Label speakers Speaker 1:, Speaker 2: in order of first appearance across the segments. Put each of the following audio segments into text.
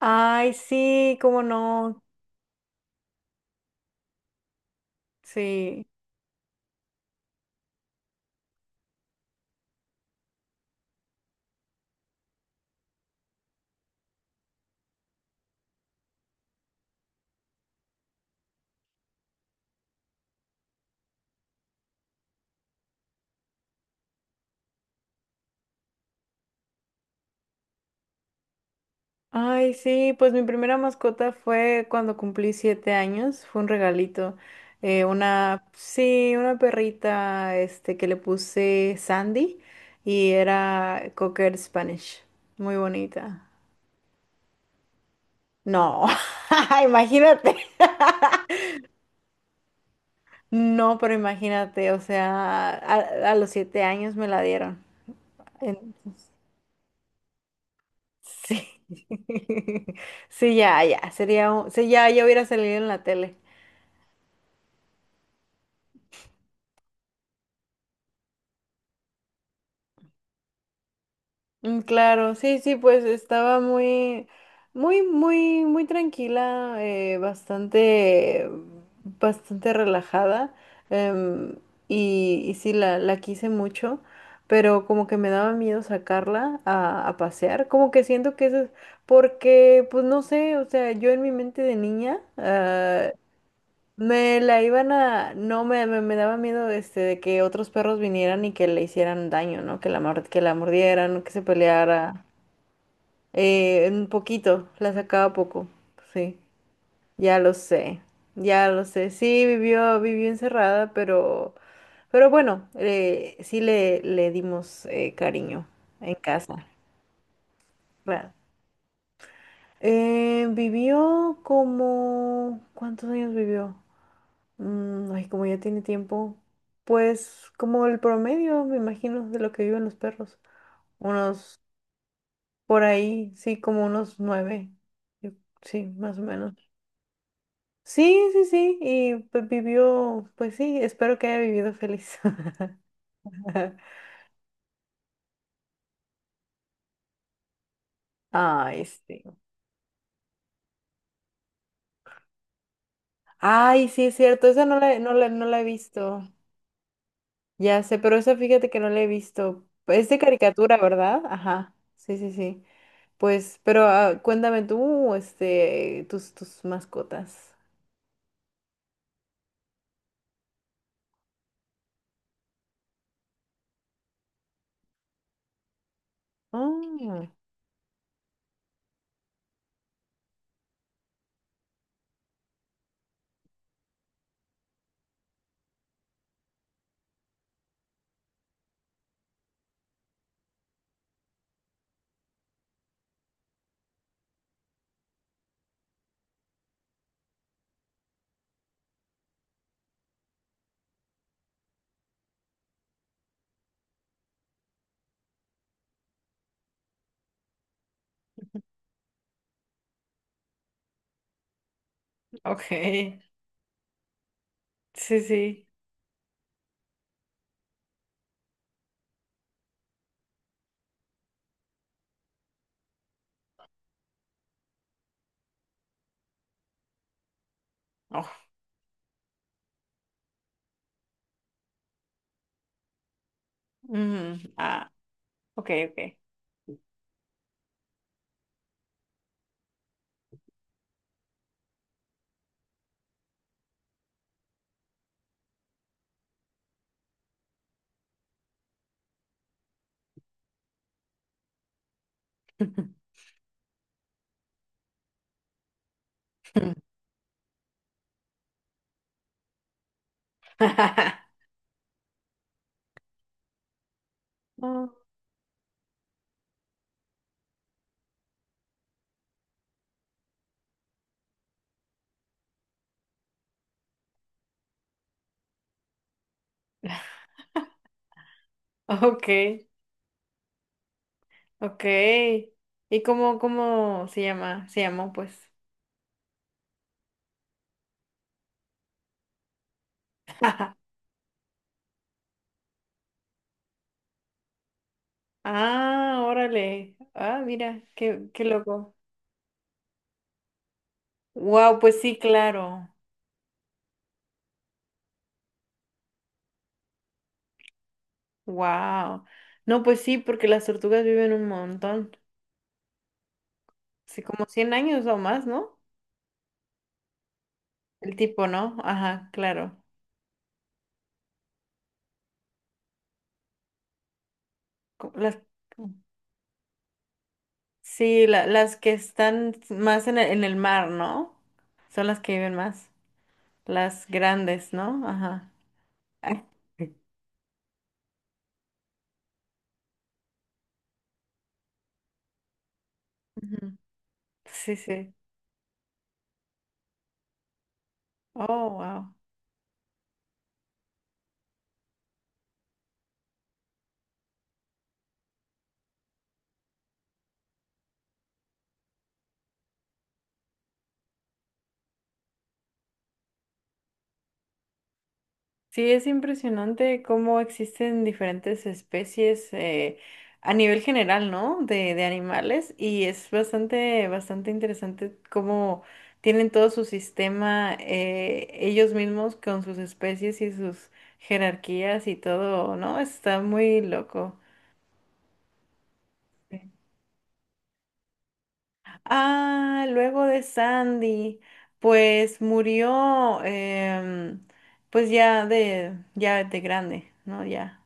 Speaker 1: Ay, sí, cómo no. Sí. Ay, sí, pues mi primera mascota fue cuando cumplí 7 años. Fue un regalito. Una perrita, que le puse Sandy y era Cocker Spanish. Muy bonita. No, imagínate. No, pero imagínate, o sea, a los 7 años me la dieron. Sí. Sí, ya, ya. Sí, ya, ya hubiera salido en la tele. Claro, sí, sí, pues estaba muy tranquila, bastante relajada. em, y sí, la quise mucho, pero como que me daba miedo sacarla a pasear. Como que siento que eso es porque, pues no sé, o sea, yo en mi mente de niña, me la iban a, no, me daba miedo de que otros perros vinieran y que le hicieran daño, ¿no? Que la mordieran, que se peleara. Un poquito, la sacaba poco, sí. Ya lo sé, ya lo sé. Sí, vivió encerrada, pero bueno, sí le dimos cariño en casa. Claro. Vivió como, ¿cuántos años vivió? Ay, como ya tiene tiempo, pues como el promedio, me imagino, de lo que viven los perros. Unos por ahí, sí, como unos nueve. yo- sí, más o menos. Sí, sí, sí, y pues vivió, pues sí, espero que haya vivido feliz. Ay, sí. Ay, sí, es cierto, esa no la he visto. Ya sé, pero esa fíjate que no la he visto. Es de caricatura, ¿verdad? Ajá, sí, sí, sí. Pues, pero cuéntame tú, tus mascotas. Oh, ok, sí, sí. Oh, mm, ah, ok, ok. Oh. Ok, ok. Cómo se llama? Se llamó, pues. Ah, órale. Ah, mira, qué loco. Wow, pues sí, claro. Wow. No, pues sí, porque las tortugas viven un montón. Sí, como 100 años o más, ¿no? El tipo, ¿no? Ajá, claro. Co- Las, sí, las que están más en en el mar, ¿no? Son las que viven más. Las grandes, ¿no? Ajá. Ah, ujú. Sí, sí. Oh, wow. Sí, es impresionante cómo existen diferentes especies a nivel general, ¿no? De animales y es bastante interesante cómo tienen todo su sistema ellos mismos con sus especies y sus jerarquías y todo, ¿no? Está muy loco. Sí. Ah, luego de Sandy, pues murió, pues ya de grande, ¿no? Ya.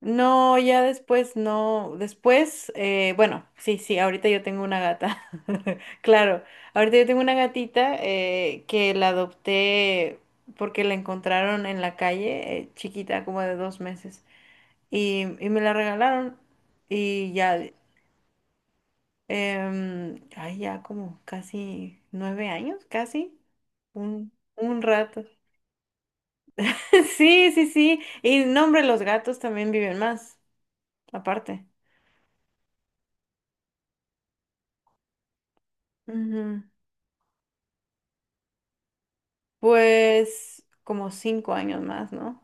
Speaker 1: No, ya después no. Después, bueno, sí, sí, ahorita yo tengo una gata. Claro, ahorita yo tengo una gatita que la adopté porque la encontraron en la calle, chiquita, como de 2 meses. Y me la regalaron. Y ya, ay, ya como casi 9 años, casi. Un, un rato. Sí, sí, sí. Y nombre, los gatos también viven más, aparte. Ujú. Pues como 5 años más, no.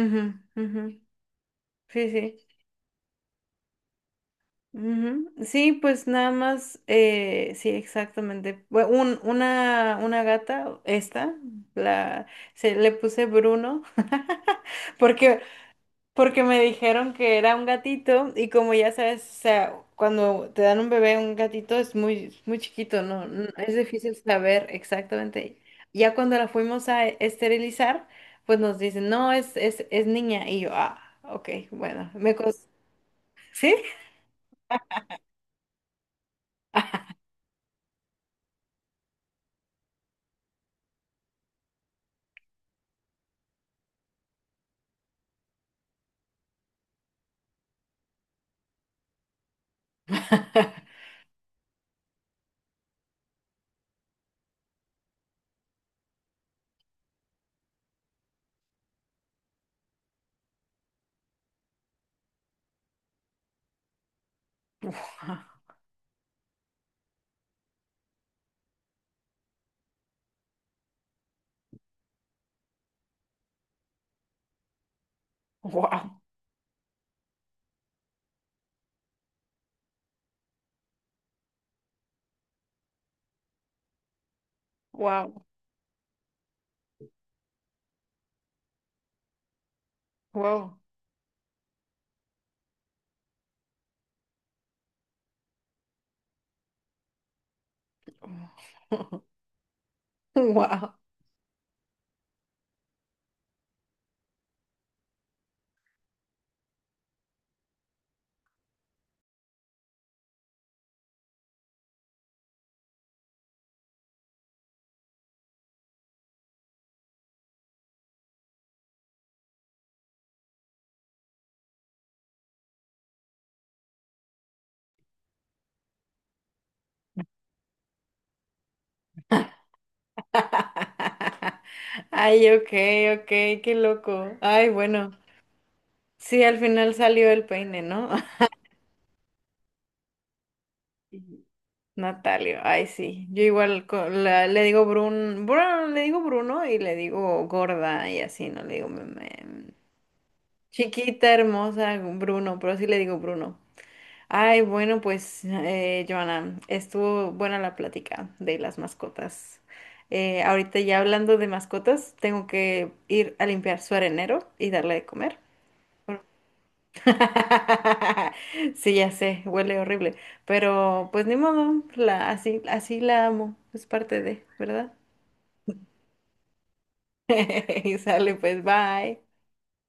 Speaker 1: Ujú, ujú. Sí, sí. Ujú. Sí, pues nada más, sí, exactamente. Una gata, la, le puse Bruno, porque porque me dijeron que era un gatito y como ya sabes, o sea, cuando te dan un bebé, un gatito es muy chiquito, ¿no? N- es difícil saber exactamente. Ya cuando la fuimos a esterilizar, pues nos dicen, no, es niña. Y yo, ah, ok, bueno, me costó. ¿Sí? Wow, wow, wow. Wow. Ay, ok, ok, qué loco. Ay, bueno. Sí, al final salió el peine, ¿no? Ujú. Natalia, ay sí, yo igual le digo Bruno, le digo Bruno y le digo gorda y así, no le digo chiquita, hermosa, Bruno, pero sí le digo Bruno. Ay, bueno, pues Joana, estuvo buena la plática de las mascotas. Ahorita ya hablando de mascotas, tengo que ir a limpiar su arenero y darle de comer. Sí, ya sé, huele horrible, pero pues ni modo, la, así, así la amo, es parte de, ¿verdad? Y sale, pues, bye.